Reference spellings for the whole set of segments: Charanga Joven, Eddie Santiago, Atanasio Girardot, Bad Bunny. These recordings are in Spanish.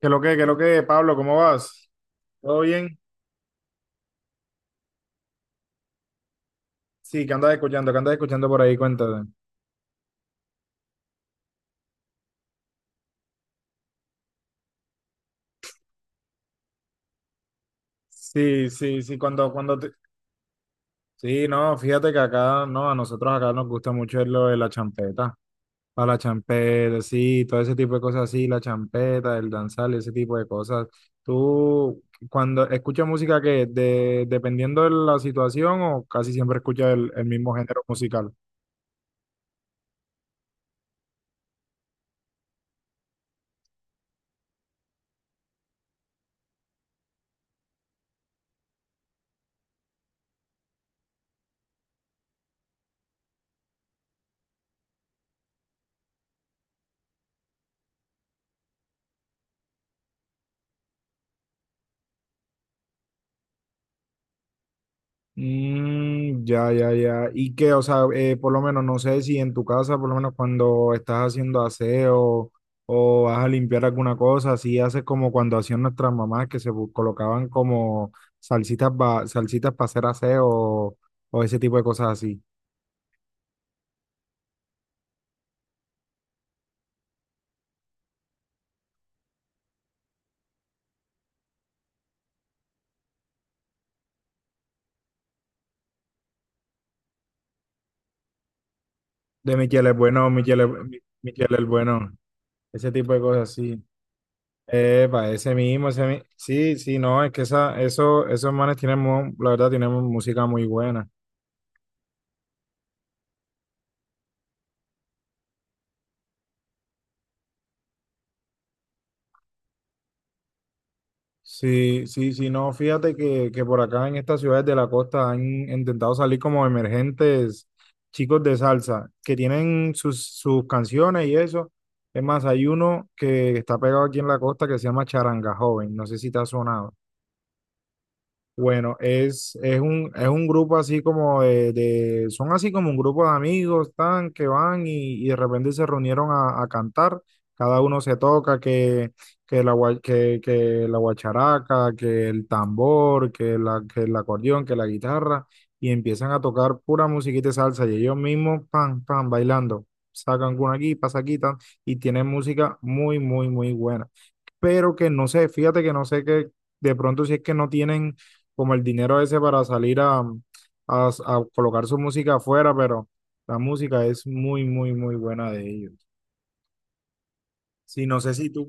Qué lo que, Pablo? ¿Cómo vas? ¿Todo bien? Sí, ¿qué andas escuchando? ¿Qué andas escuchando por ahí? Cuéntate. Sí, sí, sí, cuando te. Sí, no, fíjate que acá, no, a nosotros acá nos gusta mucho lo de la champeta. Para la champeta, sí, todo ese tipo de cosas así, la champeta, el danzal, ese tipo de cosas. ¿Tú cuando escuchas música dependiendo de la situación o casi siempre escuchas el mismo género musical? Mm, ya, ya, ya. Y que, o sea, por lo menos no sé si en tu casa, por lo menos cuando estás haciendo aseo o vas a limpiar alguna cosa, así haces como cuando hacían nuestras mamás que se colocaban como salsitas, salsitas para hacer aseo o ese tipo de cosas así. De Michel es bueno, Michel es bueno, ese tipo de cosas así. Epa, ese mismo, sí, sí, no, es que esos manes tienen, la verdad, tienen música muy buena. Sí, sí, sí, no, fíjate que por acá en estas ciudades de la costa han intentado salir como emergentes chicos de salsa que tienen sus canciones y eso. Es más, hay uno que está pegado aquí en la costa que se llama Charanga Joven, no sé si te ha sonado. Bueno, es un grupo así como son así como un grupo de amigos, tan, que van y de repente se reunieron a cantar, cada uno se toca, que la guacharaca, que el tambor, que el acordeón, que la guitarra, y empiezan a tocar pura musiquita de salsa, y ellos mismos, pan, pan, bailando, sacan una aquí, pasa aquí, tan, y tienen música muy, muy, muy buena, pero que no sé, fíjate que no sé que de pronto si es que no tienen como el dinero ese para salir a, a colocar su música afuera, pero la música es muy, muy, muy buena de ellos. Sí, no sé si tú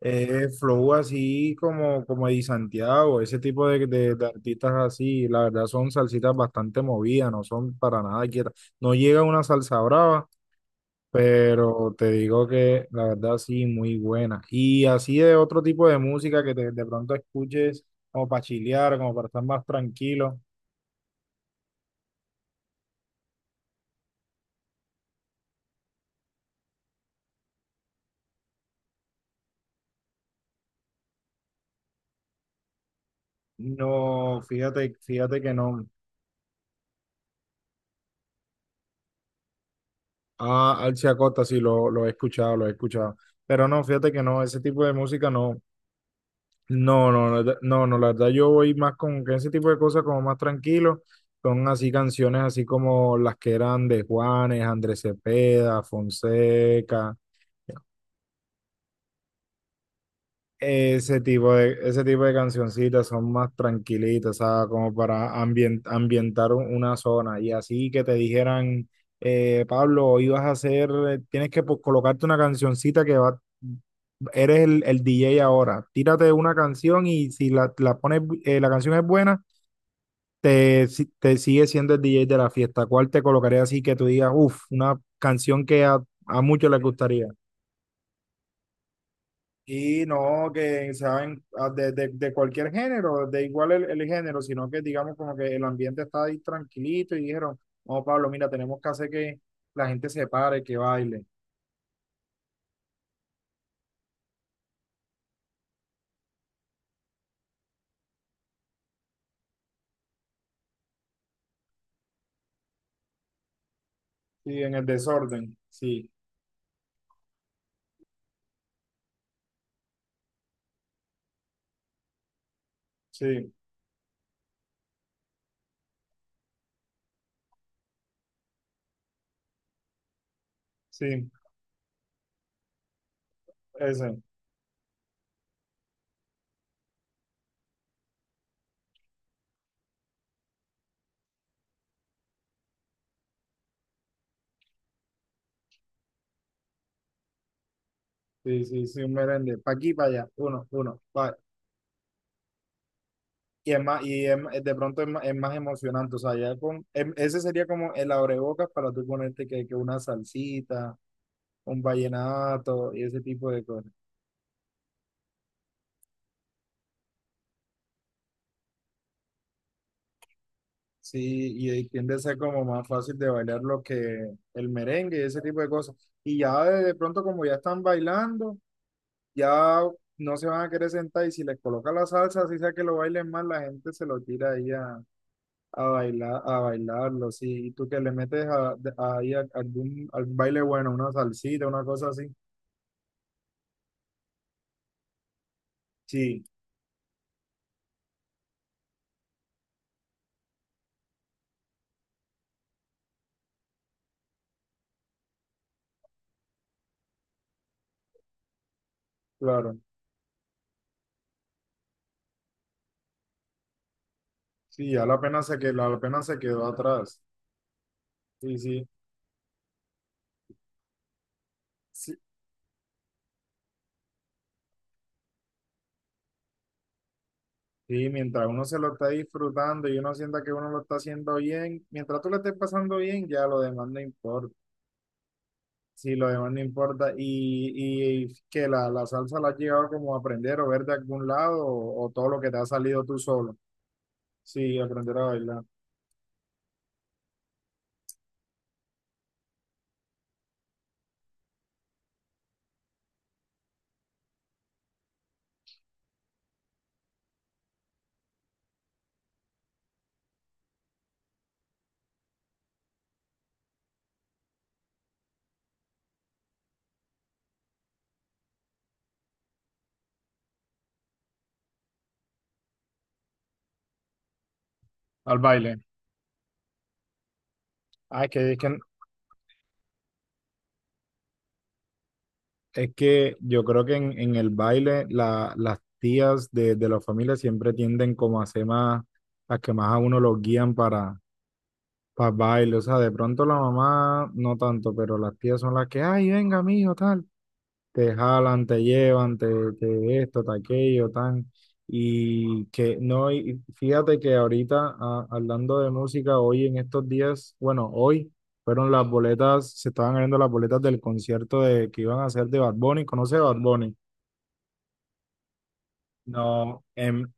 flow así como Eddie Santiago, ese tipo de artistas así, la verdad son salsitas bastante movidas, no son para nada quietas. No llega una salsa brava, pero te digo que la verdad sí, muy buena. Y así de otro tipo de música que de pronto escuches como para chilear, como para estar más tranquilo. No, fíjate que no. Ah, Alcia Costa sí lo he escuchado, lo he escuchado. Pero no, fíjate que no, ese tipo de música no. No, no, la verdad yo voy más con que ese tipo de cosas como más tranquilo. Son así canciones así como las que eran de Juanes, Andrés Cepeda, Fonseca. Ese tipo de cancioncitas son más tranquilitas, ¿sabes? Como para ambientar una zona. Y así que te dijeran, Pablo, hoy vas a hacer, tienes que pues, colocarte una cancioncita que va, eres el DJ ahora. Tírate una canción y si la pones, la canción es buena, te, si- te sigue siendo el DJ de la fiesta. ¿Cuál te colocaría así que tú digas, uff, una canción que a muchos les gustaría? Y no que saben de cualquier género, de igual el género, sino que digamos como que el ambiente está ahí tranquilito y dijeron, no, Pablo, mira, tenemos que hacer que la gente se pare, que baile. Sí, en el desorden. Sí, sí, sí, ese. Sí, sí, sí, un merengue. Pa' aquí, para allá. Uno, uno, pa. Y es más, y es ma- de pronto es ma- es más, emocionante. O sea, ya ese sería como el abrebocas para tú ponerte que una salsita, un vallenato y ese tipo de cosas. Sí, y ahí tiende a ser como más fácil de bailar lo que el merengue y ese tipo de cosas. Y ya de pronto como ya están bailando, ya no se van a querer sentar y si les coloca la salsa, así sea que lo bailen más, la gente se lo tira ahí a, bailar, a bailarlo. Sí, y tú que le metes a, de- ahí a- algún baile bueno, una salsita, una cosa así. Sí, claro. Sí, ya la pena se quedó, la pena se quedó atrás. Sí, sí, sí. Sí, mientras uno se lo está disfrutando y uno sienta que uno lo está haciendo bien, mientras tú lo estés pasando bien, ya lo demás no importa. Sí, lo demás no importa. Y que la salsa la has llegado como a aprender o ver de algún lado o todo lo que te ha salido tú solo. Sí, aprender a bailar. Al baile. Ah, es que yo creo que en el baile las tías de la familia siempre tienden como a ser más, las que más a uno los guían. Para baile, o sea, de pronto la mamá no tanto, pero las tías son las que, ay, venga, mijo, tal. Te jalan, te llevan, te esto, te aquello, tan. Y que no, y fíjate que ahorita, hablando de música, hoy en estos días, bueno, hoy fueron las boletas, se estaban abriendo las boletas del concierto que iban a hacer de Bad Bunny. ¿Conoce a Bad Bunny? No, en,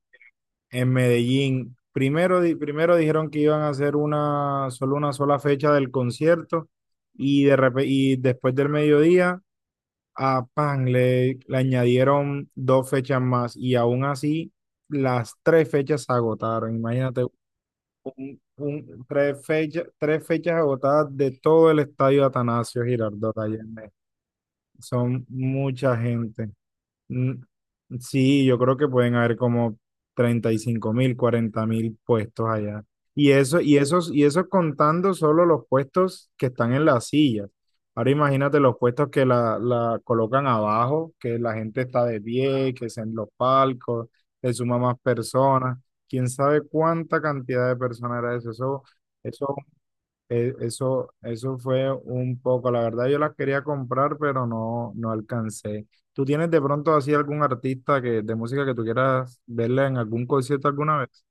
en Medellín. Primero dijeron que iban a hacer solo una sola fecha del concierto y después del mediodía a Pan le añadieron dos fechas más y aún así las tres fechas se agotaron. Imagínate, un, tres fechas agotadas de todo el estadio Atanasio Girardot allá en Medellín. Son mucha gente. Mm, sí, yo creo que pueden haber como 35.000, 40.000 puestos allá. Y eso, y eso contando solo los puestos que están en las sillas. Ahora imagínate los puestos que la colocan abajo, que la gente está de pie, que es en los palcos, se suma más personas. Quién sabe cuánta cantidad de personas era eso. Eso eso fue un poco, la verdad yo las quería comprar, pero no, no alcancé. ¿Tú tienes de pronto así algún artista de música que tú quieras verle en algún concierto alguna vez?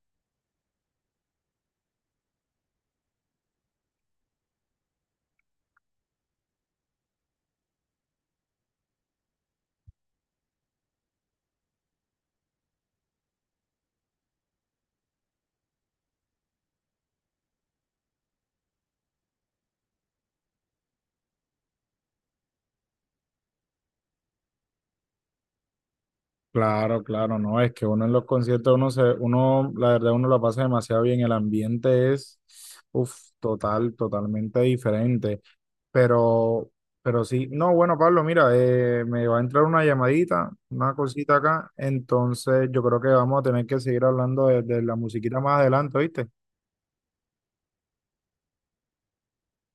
Claro, claro, no, es que uno en los conciertos, uno, la verdad, uno la pasa demasiado bien, el ambiente es, uff, totalmente diferente, pero, pero sí, no, bueno, Pablo, mira, me va a entrar una llamadita, una cosita acá, entonces yo creo que vamos a tener que seguir hablando de la musiquita más adelante, ¿oíste?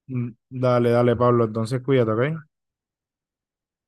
Mm, dale, dale, Pablo, entonces cuídate, ¿ok?